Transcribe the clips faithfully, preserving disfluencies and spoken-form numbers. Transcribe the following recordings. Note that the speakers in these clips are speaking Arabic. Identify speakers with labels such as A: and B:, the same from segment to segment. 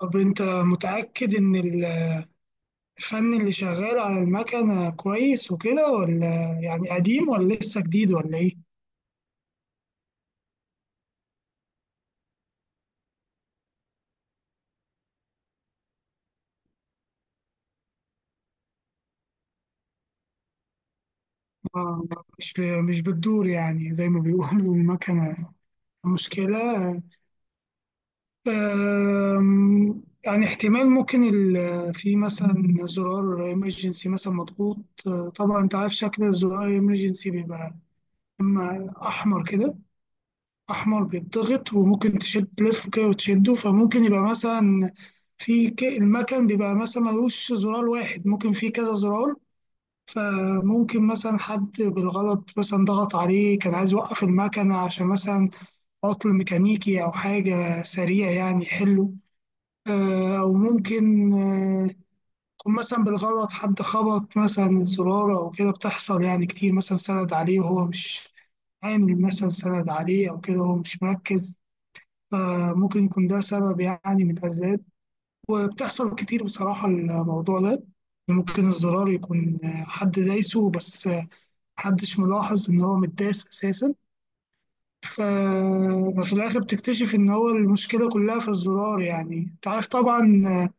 A: طب انت متأكد ان الفن اللي شغال على المكنة كويس وكده، ولا يعني قديم، ولا لسه جديد، ولا ايه؟ آه، مش مش بتدور يعني، زي ما بيقولوا، المكنة مشكلة. آم، يعني احتمال ممكن ال- في مثلا زرار emergency مثلا مضغوط. آه، طبعا انت عارف شكل الزرار emergency بيبقى اما احمر كده، أحمر بيتضغط وممكن تشد تلف كده وتشده، فممكن يبقى مثلا في ك- المكن بيبقى مثلا ملوش زرار واحد، ممكن في كذا زرار. فممكن مثلا حد بالغلط مثلا ضغط عليه، كان عايز يوقف المكنة عشان مثلا عطل ميكانيكي أو حاجة سريع يعني يحله. آه، أو ممكن آه، يكون مثلا بالغلط حد خبط مثلا زرار أو كده، بتحصل يعني كتير، مثلا سند عليه وهو مش عامل، مثلا سند عليه أو كده وهو مش مركز. فممكن يكون ده سبب يعني من الأسباب. وبتحصل كتير بصراحة الموضوع ده يعني. ممكن الزرار يكون حد دايسه بس محدش ملاحظ إن هو متداس أساسا. ف- ففي الآخر بتكتشف إن هو المشكلة كلها في الزرار. يعني أنت عارف طبعا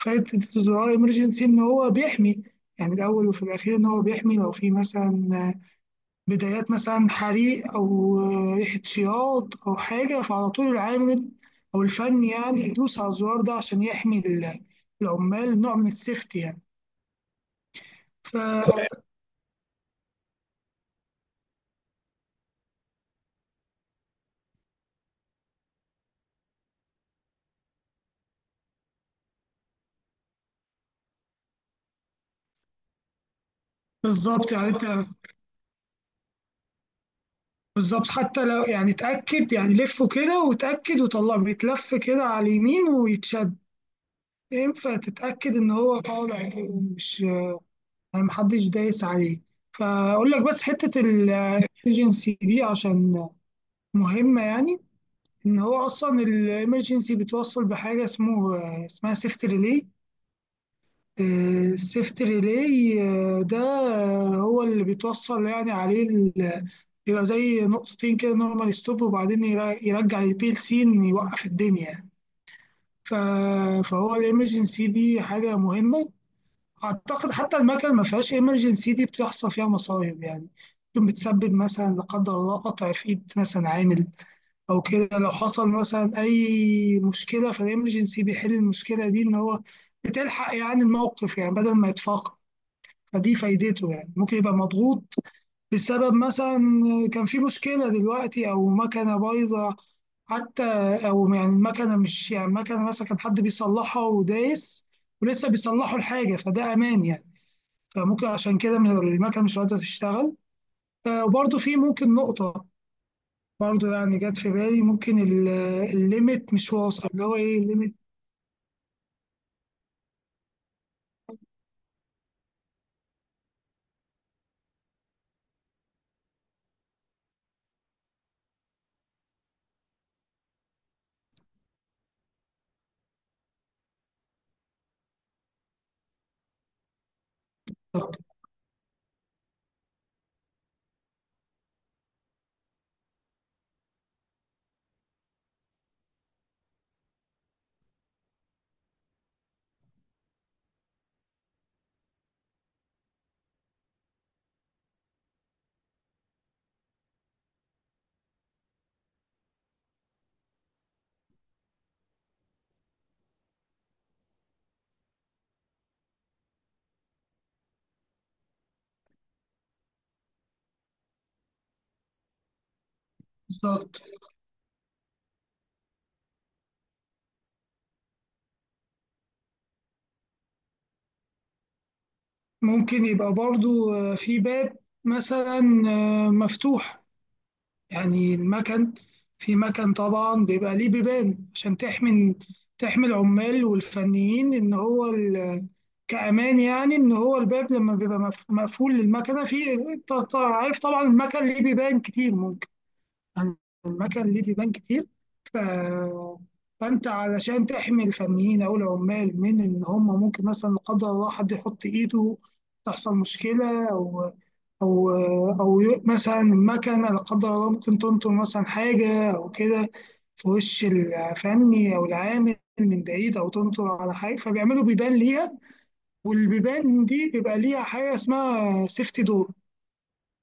A: فائدة الزرار إمرجنسي إن هو بيحمي. يعني الأول وفي الأخير إن هو بيحمي لو في مثلا بدايات مثلا حريق أو ريحة شياط أو حاجة، فعلى طول العامل أو الفني يعني يدوس على الزرار ده عشان يحمي ال- العمال، نوع من السيفتي يعني. ف- بالظبط يعني انت، بالظبط، حتى لو يعني اتأكد، يعني لفه كده وتأكد وطلع بيتلف كده على اليمين ويتشد. ينفع تتأكد ان هو طالع كده، مش يعني محدش دايس عليه. فأقول لك بس حتة الايجنسي دي عشان مهمة يعني. ان هو اصلا الامرجنسي بتوصل بحاجه اسمه اسمها سيفت ريلي. السيفت ريلي ده هو اللي بيتوصل يعني عليه ال- بيبقى زي نقطتين كده نورمال ستوب، وبعدين يرا- يرجع البي ال سي إن يوقف الدنيا يعني. ف- فهو الامرجنسي دي حاجه مهمه. اعتقد حتى المكن ما فيهاش امرجنسي دي بتحصل فيها مصايب يعني. ممكن بتسبب مثلا لا قدر الله قطع في ايد مثلا عامل او كده، لو حصل مثلا اي مشكله فالامرجنسي بيحل المشكله دي، ان هو بتلحق يعني الموقف يعني بدل ما يتفاقم. فدي فايدته يعني. ممكن يبقى مضغوط بسبب مثلا كان في مشكله دلوقتي او مكنه بايظه حتى، او يعني المكنه مش، يعني مكنه مثلا كان حد بيصلحها ودايس ولسه بيصلحوا الحاجه، فده امان يعني. فممكن عشان كده من المكنه مش قادره تشتغل. آه، وبرضه في ممكن نقطه، برضه يعني جت في بالي، ممكن ال- الليميت مش واصل، اللي هو ايه الليميت. بالظبط. ممكن يبقى برضه آه، في باب مثلا آه، مفتوح. يعني المكن، في مكن طبعا بيبقى ليه بيبان عشان تحمي تحمي العمال والفنيين ان هو ال- كأمان يعني. ان هو الباب لما بيبقى مف- مقفول للمكنه، في ط- ط- عارف طبعا المكن ليه بيبان كتير، المكن ليه ديبان كتير. ف... فانت علشان تحمي الفنيين او العمال من ان هم ممكن مثلا لا قدر الله حد يحط ايده، تحصل مشكله، او او او ي- مثلا المكنه لا قدر الله ممكن تنطر مثلا حاجه او كده في وش الفني او العامل من بعيد، او تنطر على حاجه، فبيعملوا بيبان ليها. والبيبان دي بيبقى ليها حاجه اسمها سيفتي دور،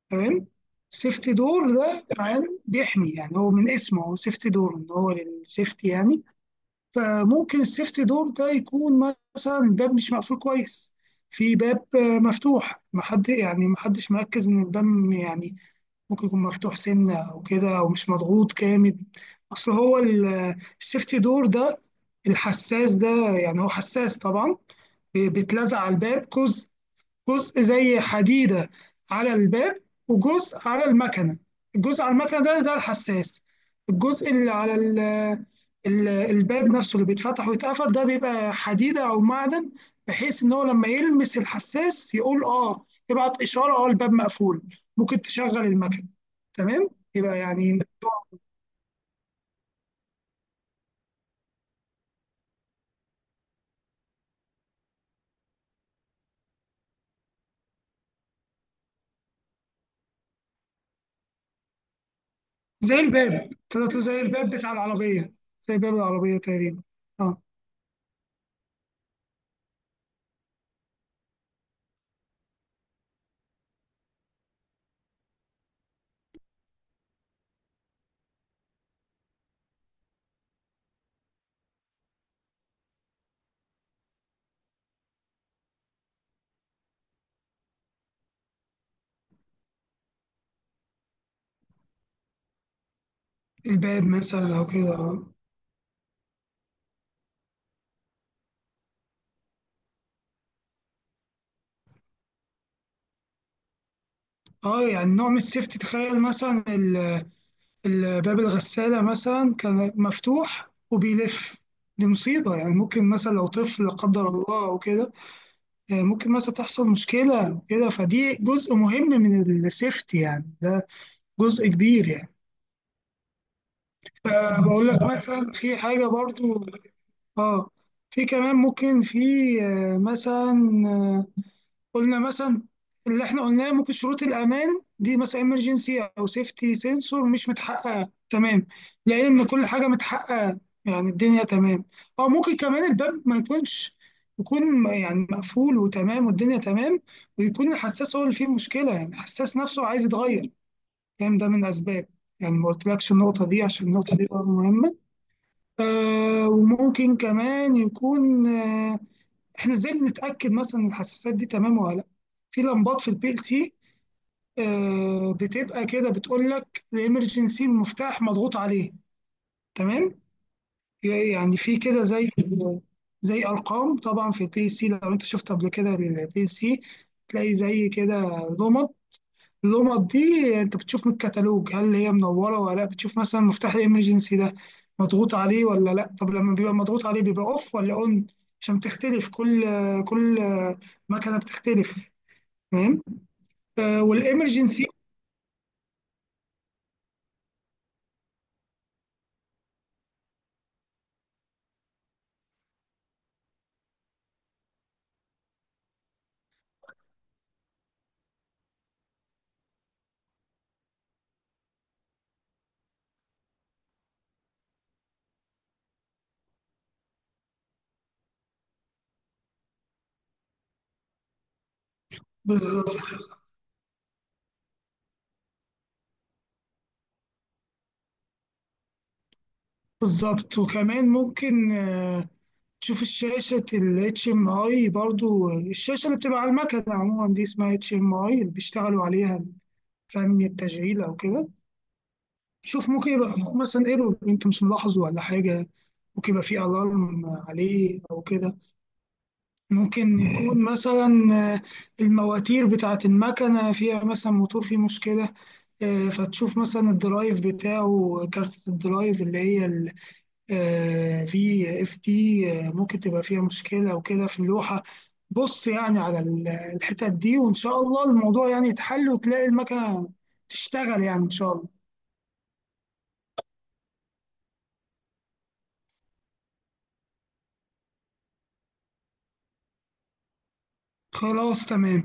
A: تمام. سيفتي دور ده عام بيحمي يعني، هو من اسمه هو سيفتي دور، ان هو للسيفتي يعني. فممكن السيفتي دور ده يكون مثلا الباب مش مقفول كويس، في باب آه، مفتوح، محد يعني محدش مركز ان الباب م- يعني ممكن يكون مفتوح سنة او كده، او مش مضغوط جامد. اصل هو ال- السيفتي دور ده، الحساس ده، يعني هو حساس طبعا، بيتلزق على الباب جزء، جزء زي حديدة على الباب، وجزء على المكنة. الجزء على المكنة ده ده الحساس. الجزء اللي على ال ال- الباب نفسه اللي بيتفتح ويتقفل ده بيبقى حديدة أو معدن، بحيث إن هو لما يلمس الحساس يقول آه، يبعت إشارة آه الباب مقفول، ممكن تشغل المكنة، تمام. يبقى يعني زي الباب، طلعت له زي الباب بتاع العربية، زي باب العربية تقريبا. آه، الباب مثلا أو كده. آه. اه، يعني نوع من السيفتي، تخيل مثلا ال- ال- باب الغسالة مثلا كان مفتوح وبيلف، دي مصيبة يعني. ممكن مثلا لو طفل لا قدر الله أو كده، آه، ممكن مثلا تحصل مشكلة أو كده، فدي جزء مهم من السيفتي يعني، ده جزء كبير يعني. آه، بقول لك مثلا في حاجة برضو. اه، في كمان ممكن في آه، مثلا آه، قلنا مثلا، اللي احنا قلناه، ممكن شروط الامان دي مثلا امرجنسي او سيفتي سنسور مش متحققه تمام، لقينا ان كل حاجه متحققه، يعني الدنيا تمام. او ممكن كمان الباب ما يكونش، يكون يعني مقفول وتمام والدنيا تمام، ويكون الحساس هو اللي فيه مشكله، يعني الحساس نفسه عايز يتغير يعني. ده من اسباب يعني، ما قلتلكش النقطه دي عشان النقطه دي برضه مهمه. آه وممكن كمان يكون، آه احنا ازاي بنتاكد مثلا إن الحساسات دي تمام ولا لا؟ في لمبات في البي ال سي، آه، بتبقى كده بتقول لك الامرجنسي المفتاح مضغوط عليه، تمام. يعني في كده زي زي ارقام طبعا في البي ال سي. لو انت شفت قبل كده البي ال سي تلاقي زي كده لمب. اللمض دي انت بتشوف من الكتالوج هل هي منوره ولا لا، بتشوف مثلا مفتاح الامرجنسي ده مضغوط عليه ولا لا. طب لما بيبقى مضغوط عليه بيبقى اوف ولا اون؟ عشان تختلف، كل كل مكنه بتختلف، تمام. آه والامرجنسي، بالظبط. بالظبط وكمان ممكن آه تشوف الشاشه الاتش ام اي، برضو الشاشه اللي بتبقى على المكنه عموما دي اسمها اتش ام اي، اللي بيشتغلوا عليها فني التشغيل او كده. شوف ممكن يبقى مثلا ايرور انت مش ملاحظه، ولا حاجة ممكن يبقى فيه الارم عليه او كده. ممكن يكون مثلا آه، المواتير بتاعة المكنة فيها مثلا موتور فيه مشكلة. آه، فتشوف مثلا الدرايف بتاعه، كارت الدرايف اللي هي ال آه، في اف دي، آه، ممكن تبقى فيها مشكلة او كده في اللوحة. بص يعني على ال- الحتت دي، وان شاء الله الموضوع يعني يتحل وتلاقي المكنة تشتغل يعني ان شاء الله. خلاص تمام.